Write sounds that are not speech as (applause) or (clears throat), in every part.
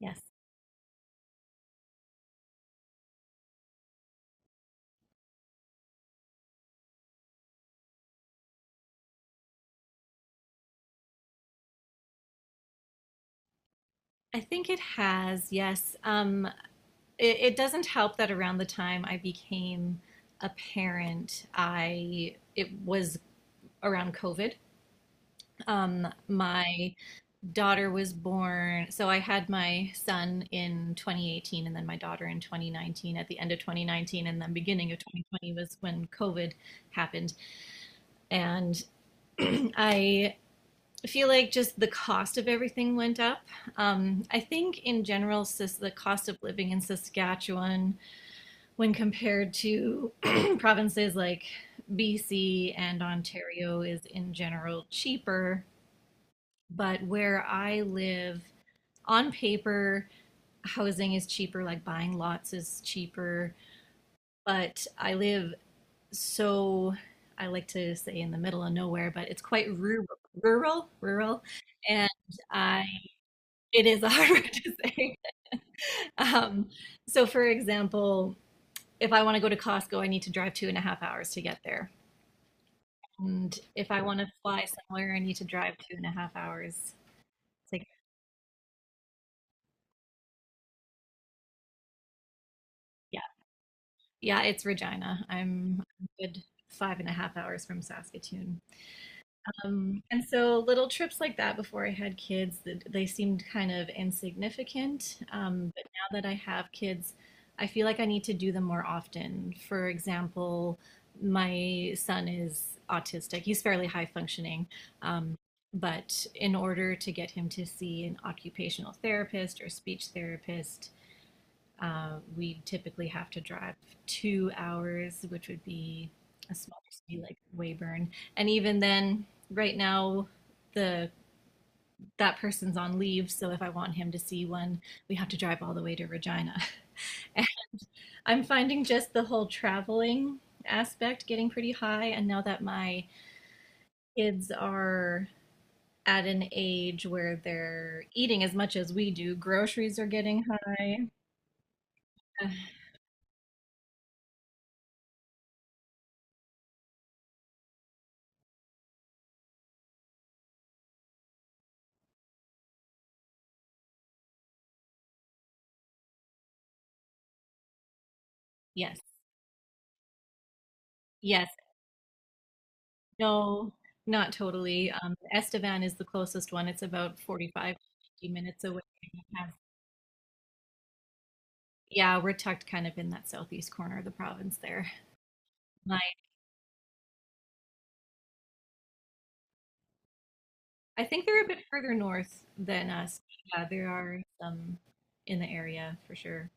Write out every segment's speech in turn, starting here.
Yes, I think it has. Yes. It doesn't help that around the time I became a parent, I it was around COVID. My daughter was born, so I had my son in 2018 and then my daughter in 2019 at the end of 2019 and then beginning of 2020 was when COVID happened. And I I feel like just the cost of everything went up. I think in general, the cost of living in Saskatchewan, when compared to (clears throat) provinces like BC and Ontario, is in general cheaper. But where I live, on paper, housing is cheaper, like buying lots is cheaper. But I live, so I like to say, in the middle of nowhere, but it's quite rural, rural, rural. And I It is (laughs) a hard word to say. Um, so, for example, if I want to go to Costco, I need to drive 2.5 hours to get there. And if I want to fly somewhere, I need to drive 2.5 hours. It's like, yeah, yeah, it's Regina. I'm a good 5.5 hours from Saskatoon. And so little trips like that before I had kids, they seemed kind of insignificant. But now that I have kids, I feel like I need to do them more often. For example, my son is autistic. He's fairly high functioning. Um, but in order to get him to see an occupational therapist or speech therapist, we typically have to drive 2 hours, which would be a smaller city like Weyburn. And even then, right now, the that person's on leave, so if I want him to see one, we have to drive all the way to Regina. (laughs) And I'm finding just the whole traveling aspect getting pretty high, and now that my kids are at an age where they're eating as much as we do, groceries are getting high. (sighs) Uh, Yes, yes. No, not totally. Estevan is the closest one. It's about 45, 50 minutes away. We have- Yeah, we're tucked kind of in that southeast corner of the province there. My, I think they're a bit further north than us. Yeah, there are some in the area for sure.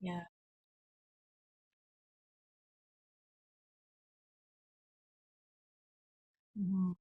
Yeah. Mhm.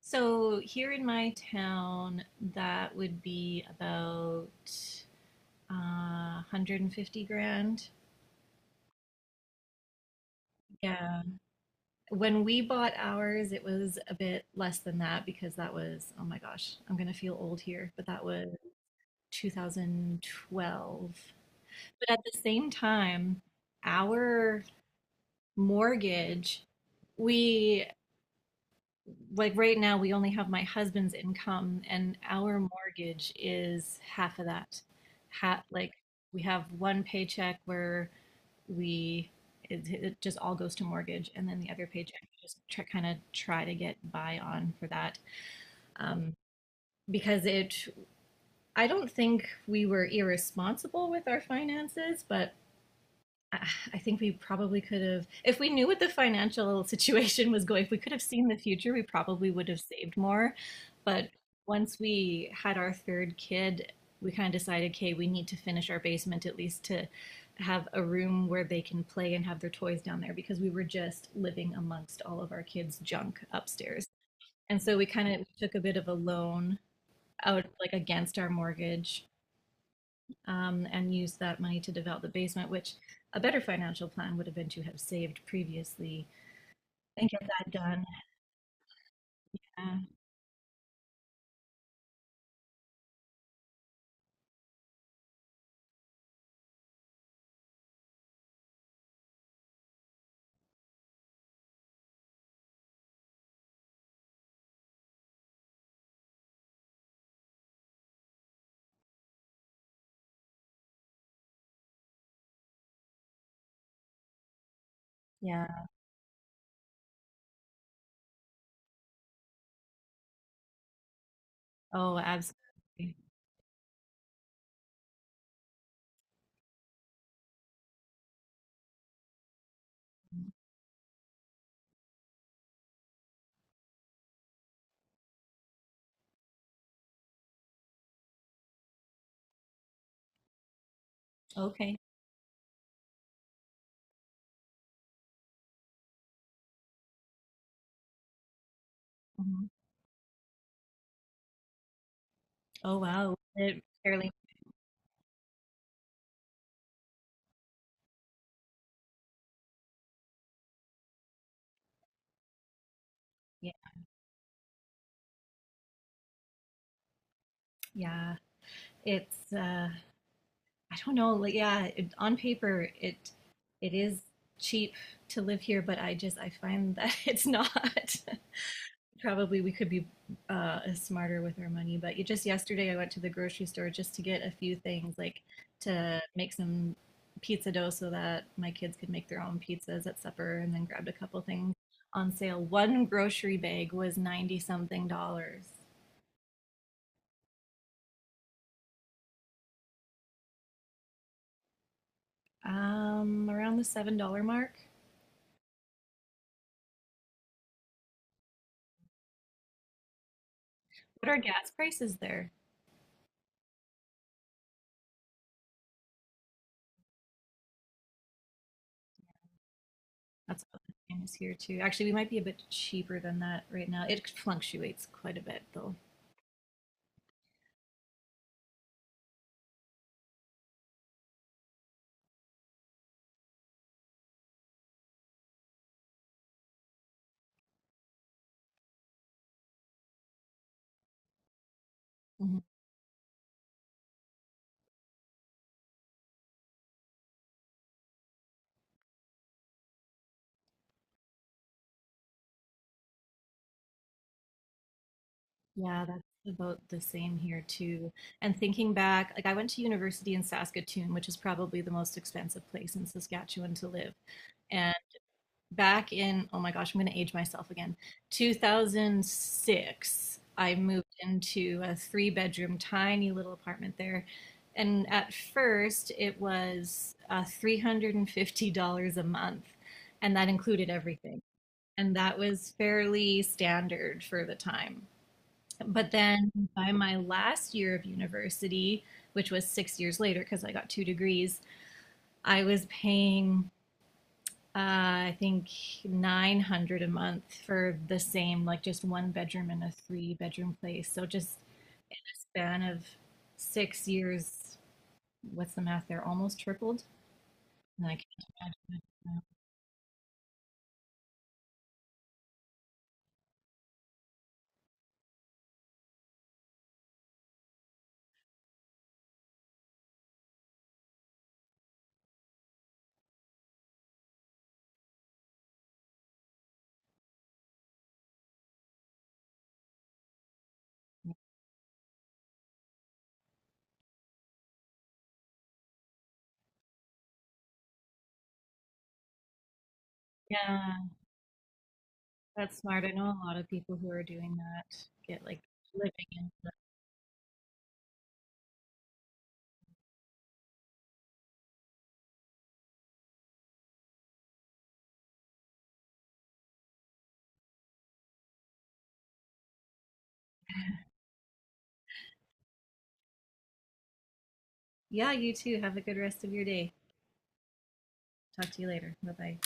So here in my town, that would be about 150 grand. Yeah. When we bought ours, it was a bit less than that because that was, oh my gosh, I'm going to feel old here, but that was 2012. But at the same time, our mortgage, we like right now, we only have my husband's income, and our mortgage is half of that. Ha like we have one paycheck where we it just all goes to mortgage, and then the other paycheck we just kind of try to get by on for that, um, because it I don't think we were irresponsible with our finances, but (sighs) I think we probably could have, if we knew what the financial (laughs) situation was going, if we could have seen the future, we probably would have saved more. But once we had our third kid, we kind of decided, okay, we need to finish our basement at least to have a room where they can play and have their toys down there because we were just living amongst all of our kids' junk upstairs. And so we kind of took a bit of a loan out, like against our mortgage, and use that money to develop the basement, which a better financial plan would have been to have saved previously and get that done. Uh, yeah. Oh, absolutely. Okay. Mhm. Oh, wow. It fairly. Yeah. Yeah. It's. I don't know. Like, yeah. On paper, it is cheap to live here, but I just I find that (laughs) it's not. Probably we could be smarter with our money. But just yesterday, I went to the grocery store just to get a few things, like to make some pizza dough so that my kids could make their own pizzas at supper, and then grabbed a couple things on sale. One grocery bag was 90 something dollars. Around the $7 mark. What are gas prices there? That's what the same is here too. Actually, we might be a bit cheaper than that right now. It fluctuates quite a bit though. Mhm. Yeah, that's about the same here too. And thinking back, like I went to university in Saskatoon, which is probably the most expensive place in Saskatchewan to live. And back in, oh my gosh, I'm going to age myself again. 2006, I moved into a three-bedroom, tiny little apartment there. And at first, it was $350 a month, and that included everything. And that was fairly standard for the time. But then by my last year of university, which was 6 years later because I got two degrees, I was paying, uh, I think, 900 a month for the same, like just one bedroom and a three-bedroom place. So just a span of 6 years, what's the math there? Almost tripled. And I can't imagine it. Yeah, that's smart. I know a lot of people who are doing that get like living in. Yeah, you too. Have a good rest of your day. Talk to you later. Bye bye.